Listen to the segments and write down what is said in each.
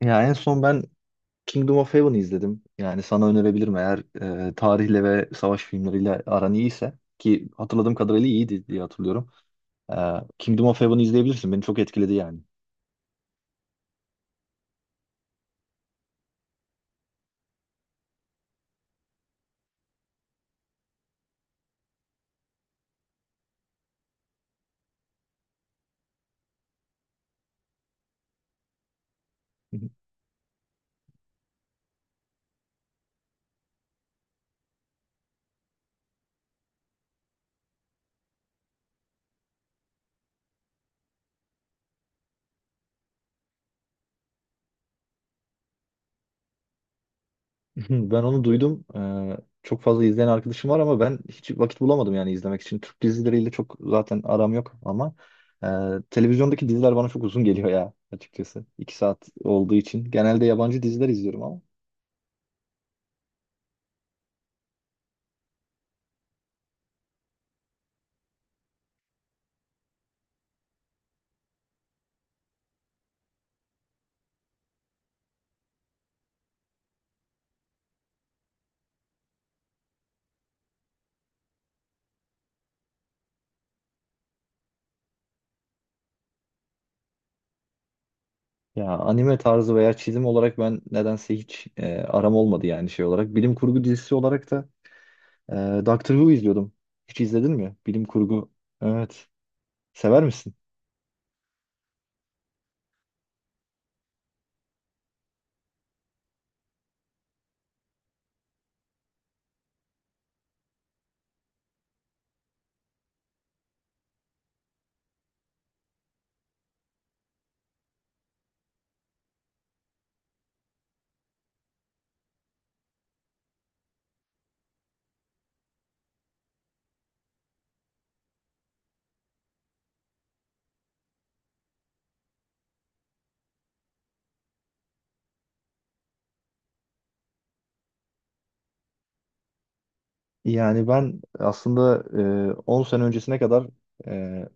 Ya en son ben Kingdom of Heaven'ı izledim. Yani sana önerebilirim eğer tarihle ve savaş filmleriyle aran iyiyse ki hatırladığım kadarıyla iyiydi diye hatırlıyorum. E, Kingdom of Heaven'ı izleyebilirsin. Beni çok etkiledi yani. Ben onu duydum. Çok fazla izleyen arkadaşım var ama ben hiç vakit bulamadım yani izlemek için. Türk dizileriyle çok zaten aram yok ama e, televizyondaki diziler bana çok uzun geliyor ya açıkçası. 2 saat olduğu için. Genelde yabancı diziler izliyorum ama. Ya anime tarzı veya çizim olarak ben nedense hiç aram olmadı yani şey olarak. Bilim kurgu dizisi olarak da e, Doctor Who izliyordum. Hiç izledin mi? Bilim kurgu. Evet. Sever misin? Yani ben aslında 10 sene öncesine kadar e,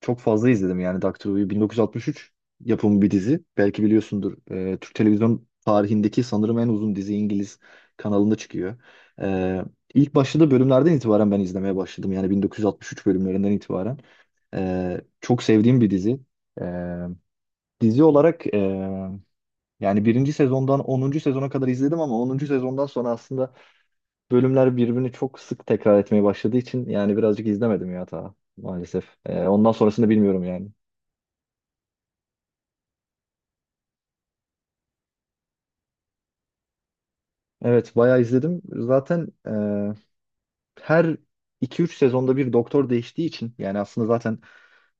çok fazla izledim yani Doctor Who'yu. 1963 yapımı bir dizi. Belki biliyorsundur. Türk televizyon tarihindeki sanırım en uzun dizi İngiliz kanalında çıkıyor. Ee, ilk başladığı bölümlerden itibaren ben izlemeye başladım. Yani 1963 bölümlerinden itibaren. Çok sevdiğim bir dizi. Ee, dizi olarak yani birinci sezondan 10. sezona kadar izledim ama 10. sezondan sonra aslında bölümler birbirini çok sık tekrar etmeye başladığı için yani birazcık izlemedim ya ta maalesef. Ondan sonrasını bilmiyorum yani. Evet, bayağı izledim. Zaten her iki üç sezonda bir doktor değiştiği için yani aslında zaten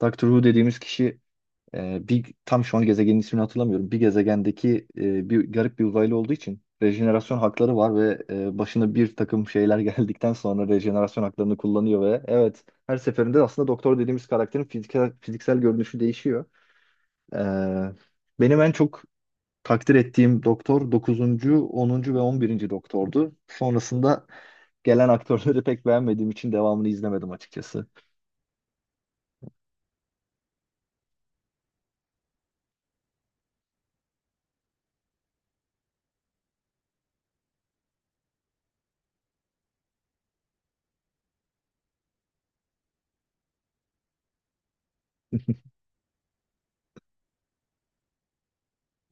Doctor Who dediğimiz kişi bir tam şu an gezegenin ismini hatırlamıyorum. Bir gezegendeki bir garip bir uzaylı olduğu için rejenerasyon hakları var ve başına bir takım şeyler geldikten sonra rejenerasyon haklarını kullanıyor ve evet her seferinde aslında doktor dediğimiz karakterin fiziksel görünüşü değişiyor. E, benim en çok takdir ettiğim doktor dokuzuncu, 10. ve 11. doktordu. Sonrasında gelen aktörleri pek beğenmediğim için devamını izlemedim açıkçası.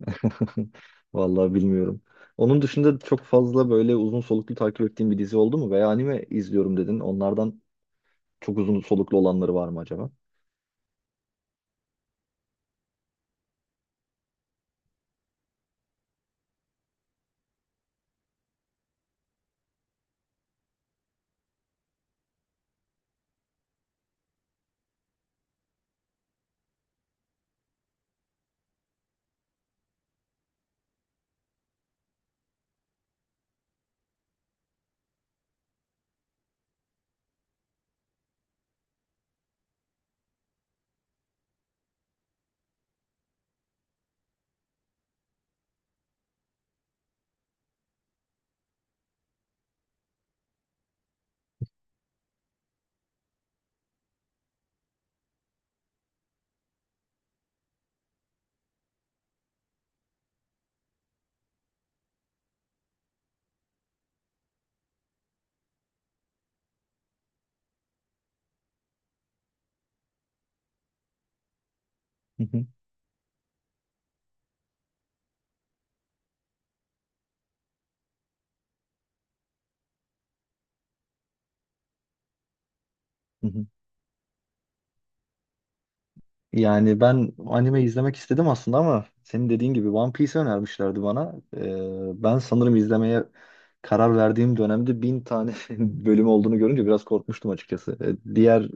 Vallahi bilmiyorum. Onun dışında çok fazla böyle uzun soluklu takip ettiğim bir dizi oldu mu? Veya anime izliyorum dedin. Onlardan çok uzun soluklu olanları var mı acaba? Hı hı, hı hı. Yani ben anime izlemek istedim aslında ama senin dediğin gibi One Piece önermişlerdi bana. Ben sanırım izlemeye karar verdiğim dönemde 1000 tane bölüm olduğunu görünce biraz korkmuştum açıkçası. Diğer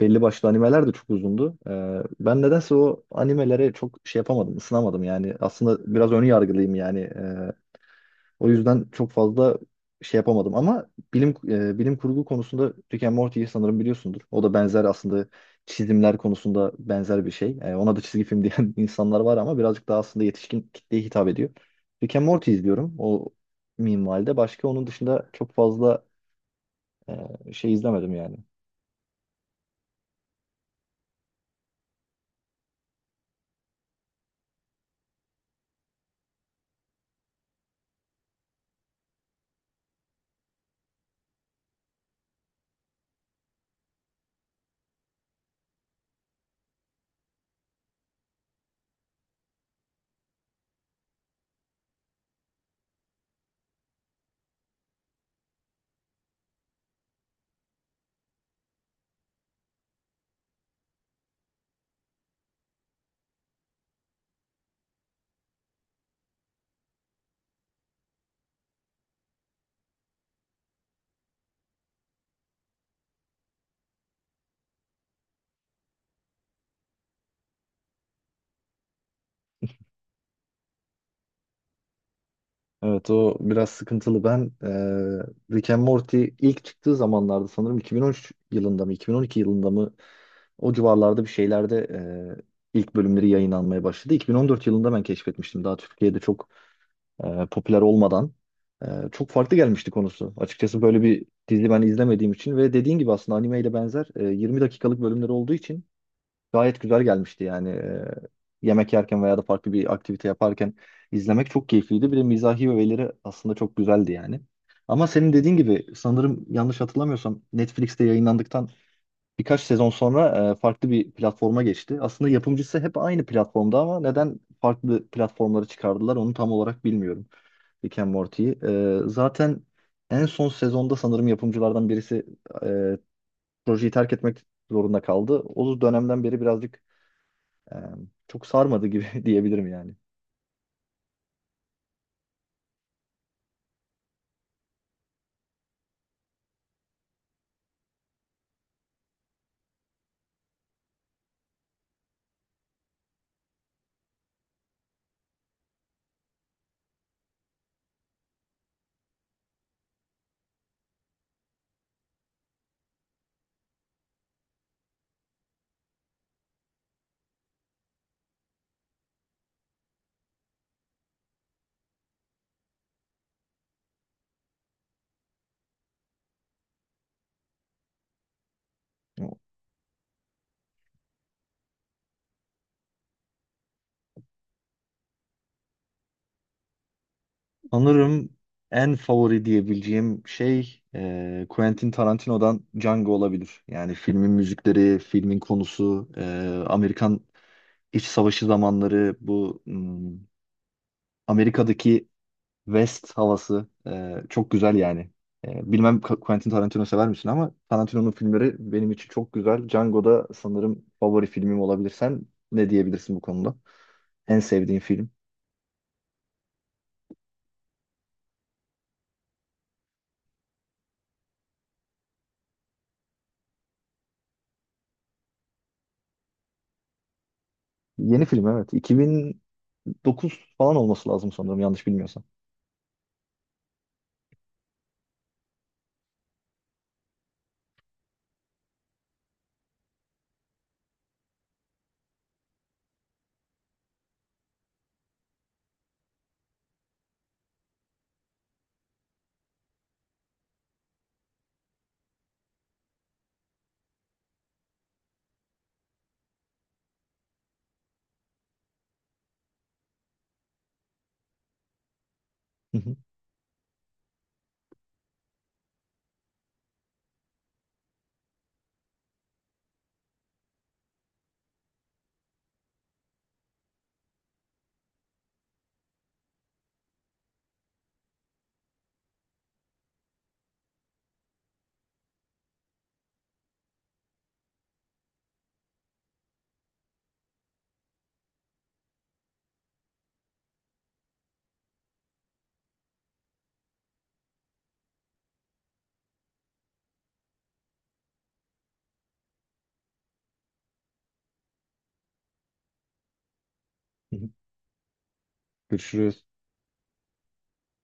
belli başlı animeler de çok uzundu. Ben nedense o animelere çok şey yapamadım, ısınamadım yani. Aslında biraz ön yargılıyım yani. O yüzden çok fazla şey yapamadım ama bilim bilim kurgu konusunda Rick and Morty'yi sanırım biliyorsundur. O da benzer aslında çizimler konusunda benzer bir şey. Ona da çizgi film diyen insanlar var ama birazcık daha aslında yetişkin kitleye hitap ediyor. Rick and Morty izliyorum o minvalde. Başka onun dışında çok fazla şey izlemedim yani. Evet o biraz sıkıntılı. Ben Rick and Morty ilk çıktığı zamanlarda sanırım 2013 yılında mı 2012 yılında mı o civarlarda bir şeylerde ilk bölümleri yayınlanmaya başladı. 2014 yılında ben keşfetmiştim. Daha Türkiye'de çok popüler olmadan e, çok farklı gelmişti konusu. Açıkçası böyle bir dizi ben izlemediğim için ve dediğin gibi aslında animeyle benzer 20 dakikalık bölümleri olduğu için gayet güzel gelmişti yani. Yemek yerken veya da farklı bir aktivite yaparken izlemek çok keyifliydi. Bir de mizahi öğeleri aslında çok güzeldi yani. Ama senin dediğin gibi sanırım yanlış hatırlamıyorsam Netflix'te yayınlandıktan birkaç sezon sonra farklı bir platforma geçti. Aslında yapımcısı hep aynı platformda ama neden farklı platformlara çıkardılar onu tam olarak bilmiyorum. Rick and Morty'yi. Zaten en son sezonda sanırım yapımcılardan birisi e, projeyi terk etmek zorunda kaldı. O dönemden beri birazcık ee, çok sarmadı gibi diyebilirim yani. Sanırım en favori diyebileceğim şey Quentin Tarantino'dan Django olabilir. Yani filmin müzikleri, filmin konusu, Amerikan İç Savaşı zamanları, bu Amerika'daki West havası çok güzel yani. Bilmem Quentin Tarantino sever misin ama Tarantino'nun filmleri benim için çok güzel. Django da sanırım favori filmim olabilir. Sen ne diyebilirsin bu konuda? En sevdiğin film? Yeni film evet. 2009 falan olması lazım sanırım yanlış bilmiyorsam. Hı hı, hı hı. Görüşürüz.